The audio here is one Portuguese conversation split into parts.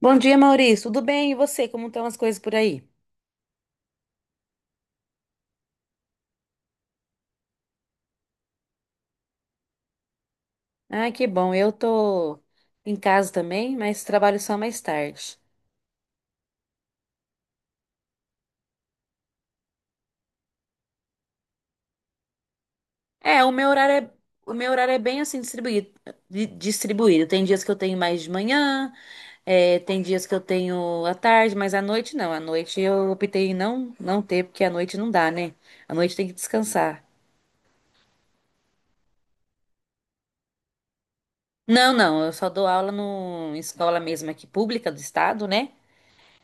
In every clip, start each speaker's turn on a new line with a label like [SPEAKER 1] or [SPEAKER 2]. [SPEAKER 1] Bom dia, Maurício. Tudo bem? E você? Como estão as coisas por aí? Ah, que bom. Eu tô em casa também, mas trabalho só mais tarde. É, o meu horário é bem assim distribuído, distribuído. Tem dias que eu tenho mais de manhã, tem dias que eu tenho à tarde, mas à noite não. À noite eu optei em não ter, porque à noite não dá, né? À noite tem que descansar. Não, não, eu só dou aula no em escola mesmo aqui pública do estado, né?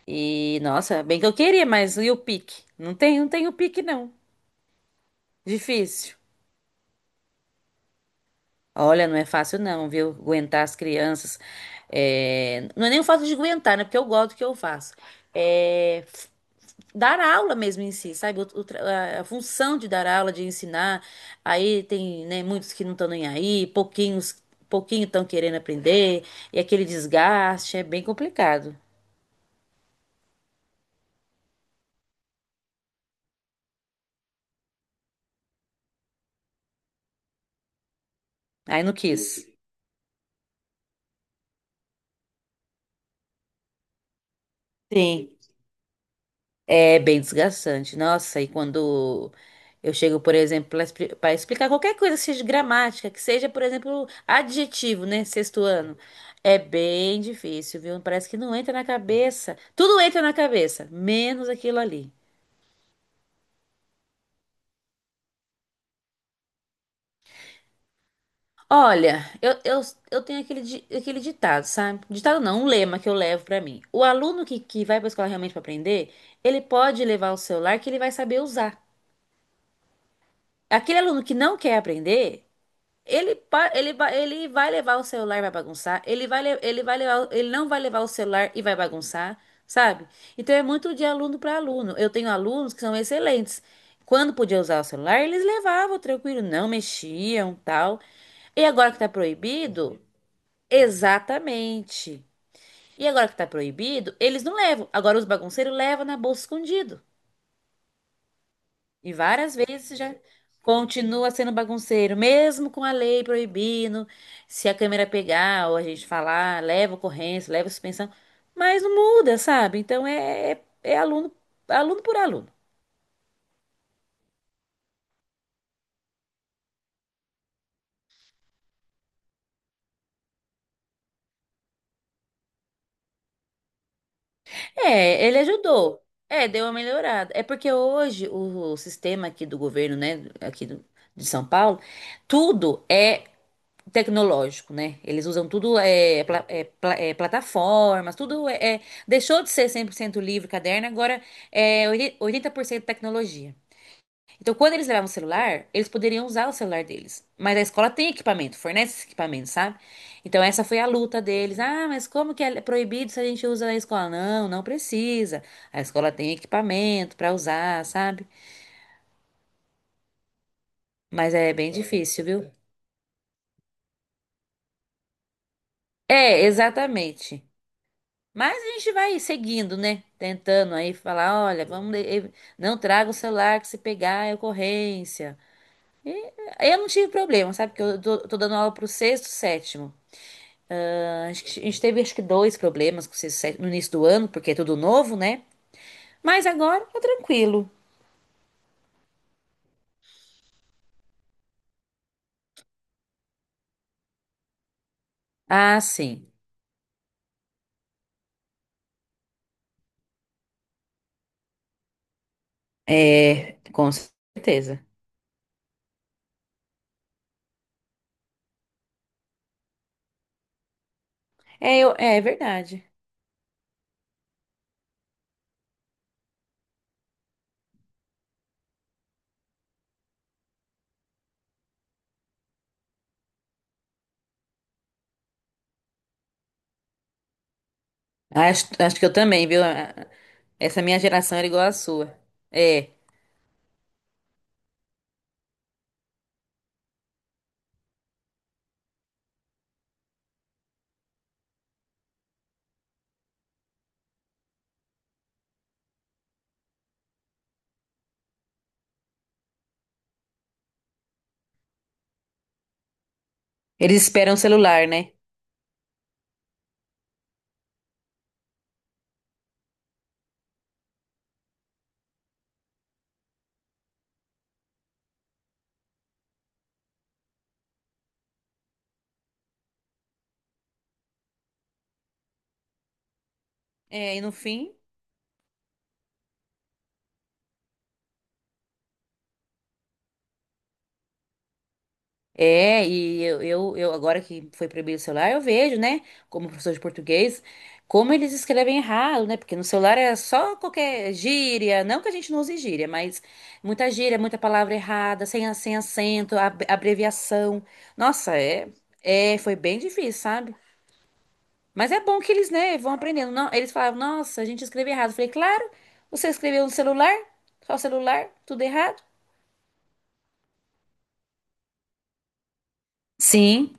[SPEAKER 1] E, nossa, bem que eu queria, mas e o pique? Não tem o pique, não. Difícil. Olha, não é fácil, não, viu? Aguentar as crianças. É, não é nem o fato de aguentar, né? Porque eu gosto do que eu faço. É dar aula mesmo em si, sabe? O tra- a função de dar aula, de ensinar. Aí tem, né, muitos que não estão nem aí, pouquinho estão querendo aprender, e aquele desgaste é bem complicado. Aí não quis. Sim. É bem desgastante. Nossa, e quando eu chego, por exemplo, para explicar qualquer coisa, seja de gramática, que seja, por exemplo, adjetivo, né? Sexto ano. É bem difícil, viu? Parece que não entra na cabeça. Tudo entra na cabeça, menos aquilo ali. Olha, eu tenho aquele, aquele ditado, sabe? Ditado não, um lema que eu levo pra mim. O aluno que vai pra escola realmente pra aprender, ele pode levar o celular que ele vai saber usar. Aquele aluno que não quer aprender. Ele, pa- ele, ba- Ele vai levar o celular e vai bagunçar. Ele não vai levar o celular e vai bagunçar, sabe? Então é muito de aluno para aluno. Eu tenho alunos que são excelentes. Quando podia usar o celular, eles levavam tranquilo, não mexiam, tal. E agora que tá proibido, exatamente. E agora que tá proibido, eles não levam. Agora os bagunceiros levam na bolsa escondido. E várias vezes já continua sendo bagunceiro, mesmo com a lei proibindo, se a câmera pegar ou a gente falar, leva ocorrência, leva suspensão, mas não muda, sabe? Então é aluno por aluno. É, ele ajudou. É, deu uma melhorada. É porque hoje o sistema aqui do governo, né, de São Paulo, tudo é tecnológico, né? Eles usam tudo, plataformas, deixou de ser 100% livre, caderno, agora é oitenta por cento tecnologia. Então, quando eles levavam o celular, eles poderiam usar o celular deles. Mas a escola tem equipamento, fornece esse equipamento, sabe? Então, essa foi a luta deles. Ah, mas como que é proibido se a gente usa na escola? Não, não precisa. A escola tem equipamento para usar, sabe? Mas é bem difícil, viu? É, exatamente. Mas a gente vai seguindo, né? Tentando aí falar, olha, vamos, não traga o celular que se pegar é ocorrência. Eu não tive problema, sabe? Porque eu tô dando aula pro sexto, sétimo. Ah, acho que a gente teve acho que dois problemas com o sexto, sétimo no início do ano, porque é tudo novo, né? Mas agora tá tranquilo. Ah, sim. É, com certeza. É, verdade. Acho que eu também, viu? Ah, essa minha geração era igual à sua. É. Eles esperam o celular, né? É, e no fim. É, e agora que foi proibido o celular, eu vejo, né, como professor de português, como eles escrevem errado, né? Porque no celular é só qualquer gíria, não que a gente não use gíria, mas muita gíria, muita palavra errada, sem acento, abreviação. Nossa, foi bem difícil, sabe? Mas é bom que eles, né, vão aprendendo. Não, eles falavam, nossa, a gente escreveu errado. Eu falei, claro, você escreveu no celular, só celular, tudo errado. Sim,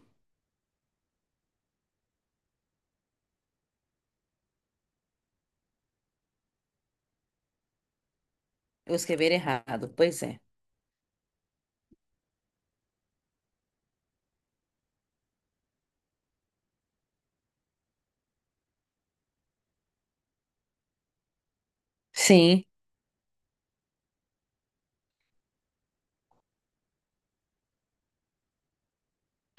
[SPEAKER 1] eu escrever errado, pois é. Sim.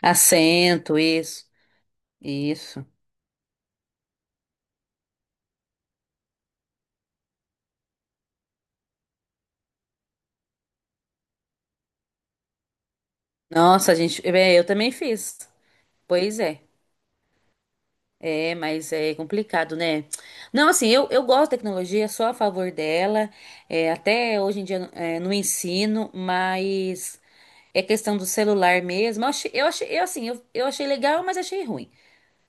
[SPEAKER 1] Assento, isso. Isso. Nossa, a gente. Eu também fiz. Pois é. É, mas é complicado, né? Não, assim, eu gosto da tecnologia, sou a favor dela. Até hoje em dia no ensino, mas é questão do celular mesmo. Eu achei legal, mas achei ruim.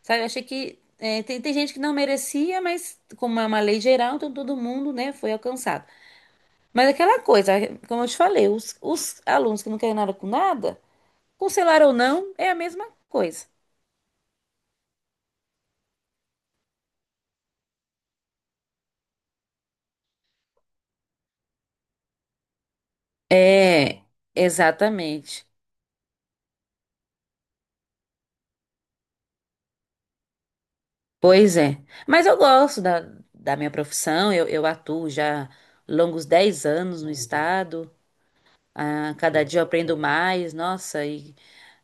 [SPEAKER 1] Sabe? Eu achei que tem gente que não merecia, mas como é uma lei geral, então todo mundo, né, foi alcançado. Mas aquela coisa, como eu te falei, os alunos que não querem nada com nada. Cancelar ou não é a mesma coisa. É, exatamente. Pois é. Mas eu gosto da minha profissão, eu atuo já longos 10 anos no estado. Ah, cada dia eu aprendo mais, nossa, e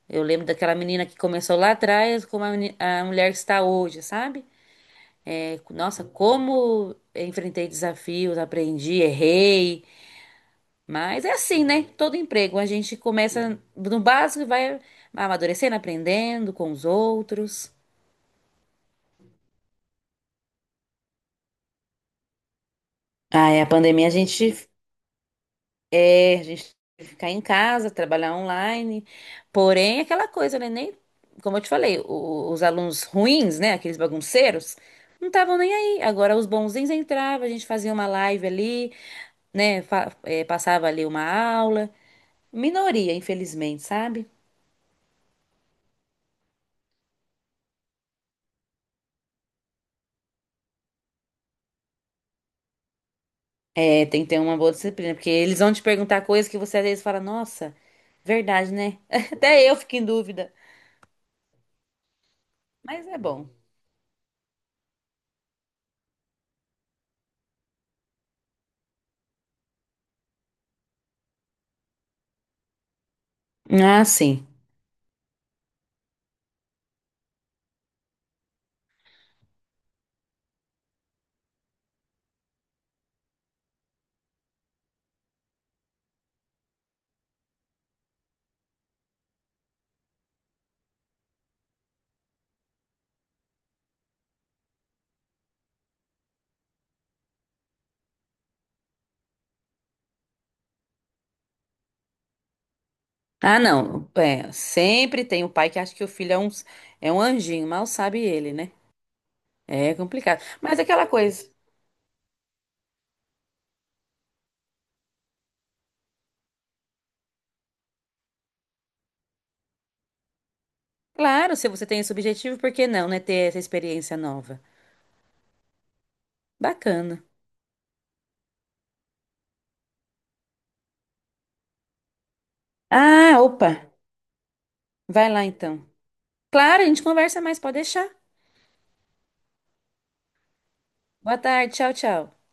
[SPEAKER 1] eu lembro daquela menina que começou lá atrás, como a mulher que está hoje, sabe? É, nossa, como eu enfrentei desafios, aprendi, errei. Mas é assim, né? Todo emprego, a gente começa no básico e vai amadurecendo, aprendendo com os outros. Ah, é, a pandemia a gente teve que ficar em casa, trabalhar online. Porém, aquela coisa, né? Nem, como eu te falei, os alunos ruins, né? Aqueles bagunceiros, não estavam nem aí. Agora, os bonzinhos entravam, a gente fazia uma live ali, né? Passava ali uma aula. Minoria, infelizmente, sabe? É, tem que ter uma boa disciplina, porque eles vão te perguntar coisas que você às vezes fala, nossa, verdade, né? Até eu fico em dúvida, mas é bom. Ah, sim. Ah, não. É, sempre tem o pai que acha que o filho é um anjinho, mal sabe ele, né? É complicado. Mas aquela coisa, claro, se você tem esse objetivo, por que não, né? Ter essa experiência nova. Bacana. Ah, opa, vai lá então. Claro, a gente conversa mais, pode deixar. Boa tarde, tchau, tchau.